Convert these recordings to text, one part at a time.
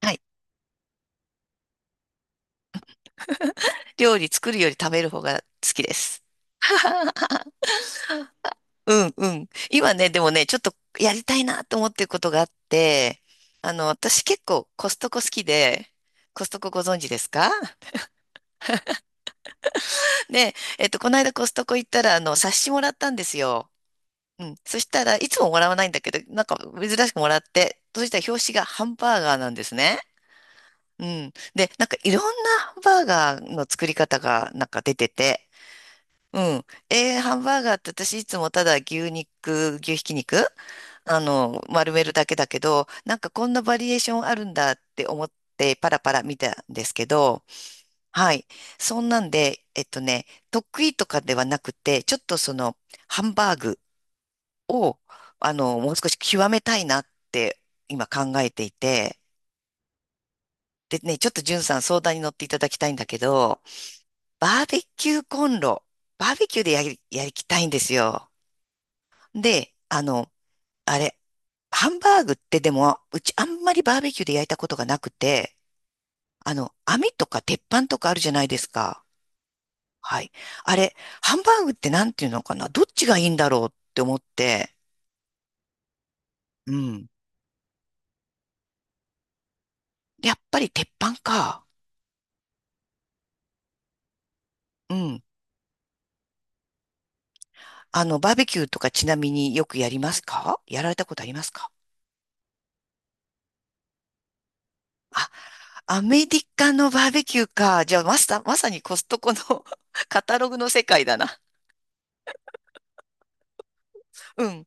はい。料理作るより食べる方が好きです。うんうん。今ね、でもね、ちょっとやりたいなと思ってることがあって、私結構コストコ好きで、コストコご存知ですか？ で、この間コストコ行ったら、冊子もらったんですよ。うん。そしたらいつももらわないんだけど、なんか珍しくもらって、そしたら表紙がハンバーガーなんですね。うん。で、なんかいろんなハンバーガーの作り方がなんか出てて、うん。ハンバーガーって私いつもただ牛肉、牛ひき肉、丸めるだけだけど、なんかこんなバリエーションあるんだって思ってパラパラ見たんですけど、はい。そんなんで、得意とかではなくて、ちょっとその、ハンバーグを、もう少し極めたいなって今考えていて、でね、ちょっとんさん相談に乗っていただきたいんだけど、バーベキューコンロ、バーベキューでやりきたいんですよ。で、あれ、ハンバーグってでも、うちあんまりバーベキューで焼いたことがなくて、網とか鉄板とかあるじゃないですか。はい。あれ、ハンバーグってなんていうのかな、どっちがいいんだろうって思って、うん。やっぱり鉄板か。うん。バーベキューとかちなみによくやりますか？やられたことありますか？あ、アメリカのバーベキューか。じゃあ、まさにコストコの カタログの世界だな。うん。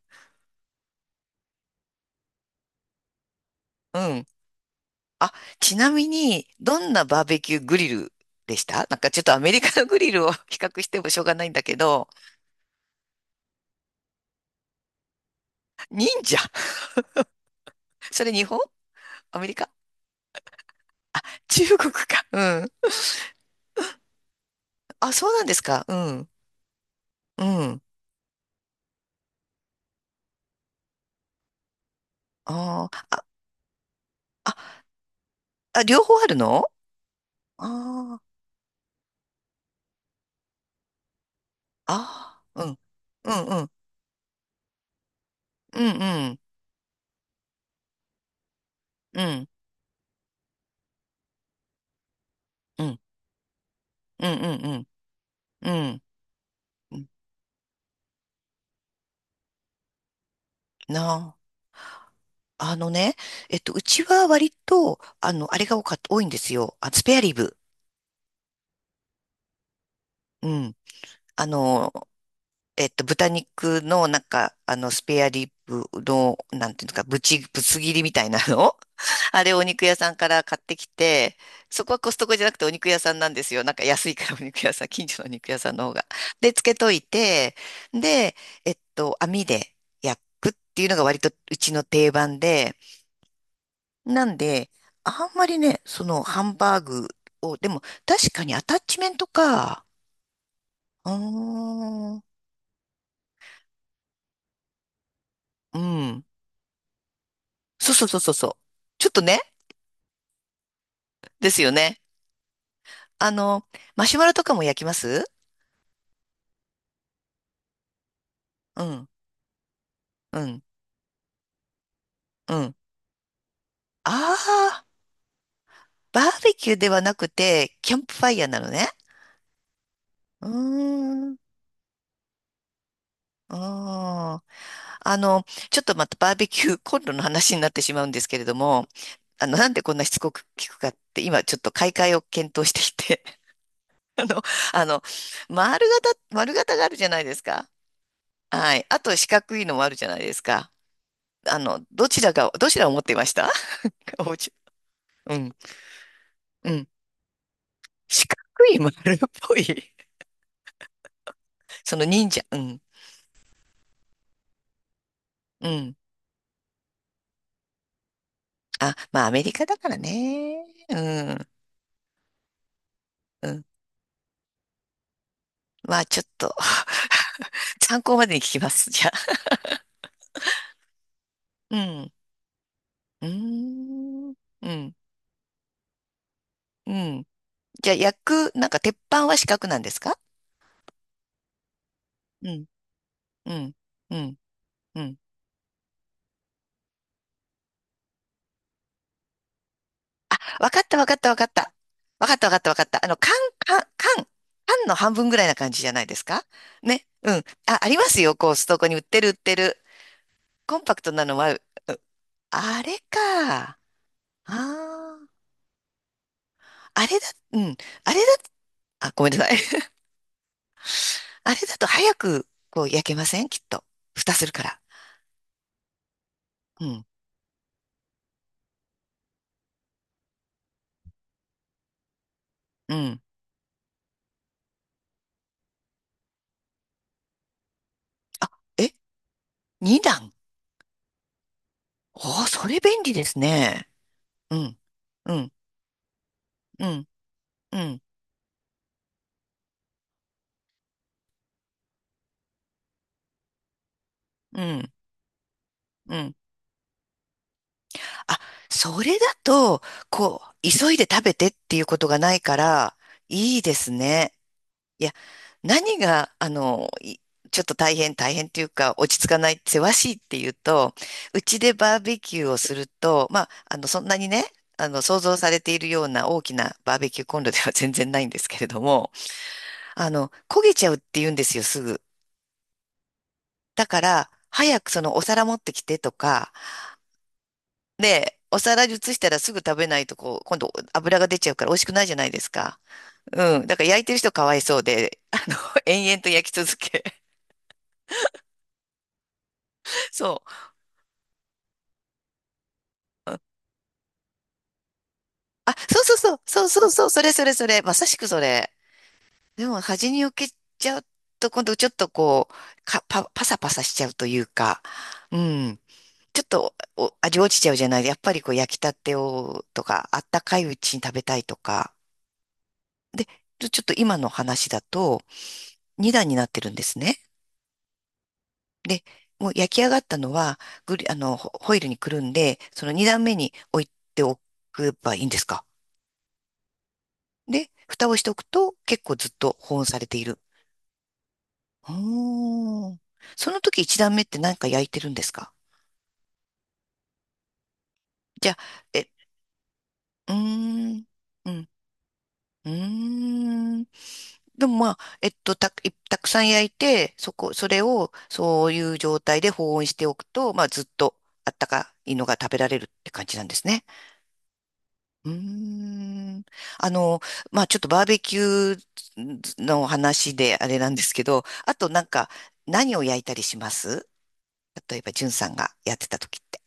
うん。あ、ちなみに、どんなバーベキューグリルでした？なんかちょっとアメリカのグリルを 比較してもしょうがないんだけど、忍者？それ日本？アメリカ？中国か。うん。あ、そうなんですか。うん。うん。あーあ、あ、あ、両方あるの？ああ、あー、うん。うんうん。うんうん。うん。うんうんうん。うん。なあ。あのね、うちは割と、あの、あれが多かった、多いんですよ。あ、スペアリブ。うん。あの、豚肉の、なんか、あの、スペアリブの、なんていうんですか、ぶつ切りみたいなの あれ、お肉屋さんから買ってきて、そこはコストコじゃなくてお肉屋さんなんですよ。なんか安いからお肉屋さん、近所のお肉屋さんの方が。で、つけといて、で、網で焼くっていうのが割とうちの定番で、なんで、あんまりね、そのハンバーグを、でも確かにアタッチメントか、うーん、うん。そうそうそうそうそう。ちょっとね、ですよね。あの、マシュマロとかも焼きます？うん、うん、うん。ああ、バーベキューではなくて、キャンプファイヤーなのね。うーん、うーん。あの、ちょっとまたバーベキューコンロの話になってしまうんですけれども、なんでこんなしつこく聞くかって、今ちょっと買い替えを検討していて、あの、あの、丸型があるじゃないですか。はい。あと四角いのもあるじゃないですか。どちらを持っていました？おじ、うん、うん。四角い丸っぽい。その忍者、うん、うん。あ、まあアメリカだからね。うん、うん。まあちょっと 参考までに聞きます。じゃあ。うん、うーん、うん、うん。じゃあ焼く、なんか鉄板は四角なんですか？うん、うん、うん、うん。わかったわかったわかった。わかったわかったわかった。あの、缶、缶、缶の半分ぐらいな感じじゃないですか？ね。うん。あ、ありますよ。こう、ストコに売ってる売ってる。コンパクトなのは、うあれか。ああ、あれだ、うん。あれだ、あ、ごめんなさい。あれだと早く、こう、焼けませんきっと。蓋するから。うん、うん。あ、え、二段。おー、それ便利ですね。うん、うん、うん、うん、うん、うん。あ、それだと、こう、急いで食べてっていうことがないから、いいですね。いや、何が、あの、いちょっと大変っていうか、落ち着かない、せわしいっていうと、うちでバーベキューをすると、まあ、あの、そんなにね、想像されているような大きなバーベキューコンロでは全然ないんですけれども、焦げちゃうって言うんですよ、すぐ。だから、早くそのお皿持ってきてとか、で、お皿に移したらすぐ食べないと、こう、今度油が出ちゃうから美味しくないじゃないですか。うん。だから焼いてる人かわいそうで、あの、延々と焼き続け。そう。あ、そうそうそう、そうそうそう、それそれそれ、まさしくそれ。でも端に置けちゃうと、今度ちょっとこう、パサパサしちゃうというか、うん。ちょっとお味落ちちゃうじゃない。やっぱりこう焼きたてをとか、あったかいうちに食べたいとか。で、ちょちょっと今の話だと、2段になってるんですね。で、もう焼き上がったのは、グリ、あの、ホホイルにくるんで、その2段目に置いておけばいいんですか？で、蓋をしておくと結構ずっと保温されている。おー。その時一段目って何か焼いてるんですか？じゃあ、え、うーん、うん、うーん。でもまあ、たくさん焼いて、それを、そういう状態で保温しておくと、まあ、ずっとあったかいのが食べられるって感じなんですね。うーん。あの、まあ、ちょっとバーベキューの話であれなんですけど、あとなんか、何を焼いたりします？例えば、じゅんさんがやってた時って。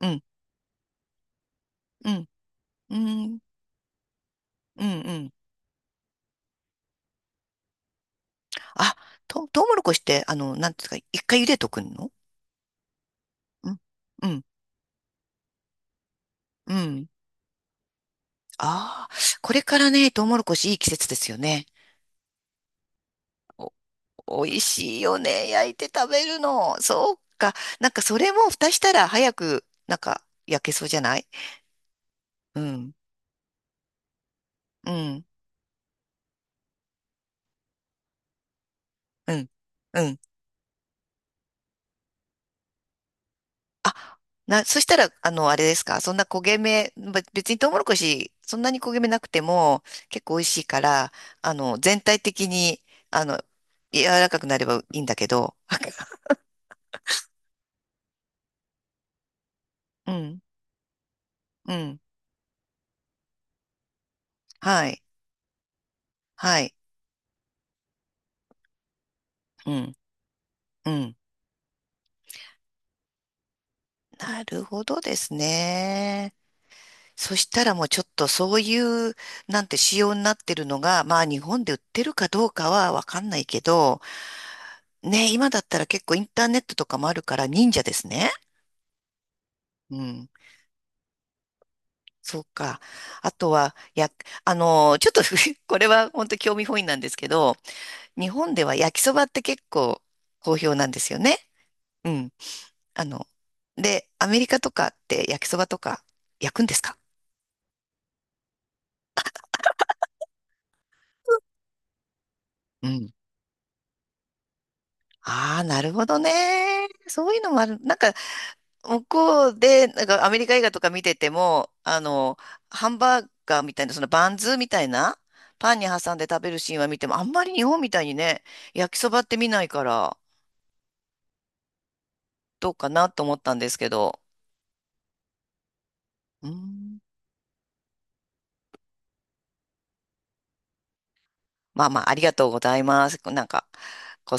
うん。うんうん、うん、うん。あ、トウモロコシって、あの、なんですか、一回茹でとくの？うん、うん、うん。ああ、これからね、トウモロコシいい季節ですよね。お、美味しいよね。焼いて食べるの。そうか。なんかそれも蓋したら早く、なんか焼けそうじゃない？うん、うん、うん、うん。あ、な、そしたら、あの、あれですか、そんな焦げ目、べ別にトウモロコシ、そんなに焦げ目なくても、結構美味しいから、全体的に、あの、柔らかくなればいいんだけど、うん、うん、はい、はい、うん、うん。なるほどですね。そしたらもうちょっとそういう、なんて仕様になってるのが、まあ日本で売ってるかどうかはわかんないけど、ね、今だったら結構インターネットとかもあるから忍者ですね。うん。そうか。あとは、や、あのーちょっと これは本当興味本位なんですけど、日本では焼きそばって結構好評なんですよね。うん。あの、で、アメリカとかって焼きそばとか焼くんですか？うん。ああ、なるほどね。そういうのもある。なんか、向こうで、なんかアメリカ映画とか見てても、ハンバーガーみたいな、そのバンズみたいな、パンに挟んで食べるシーンは見ても、あんまり日本みたいにね、焼きそばって見ないから。どうかなと思ったんですけど、うーん、まあまあ、ありがとうございます。なんか、こう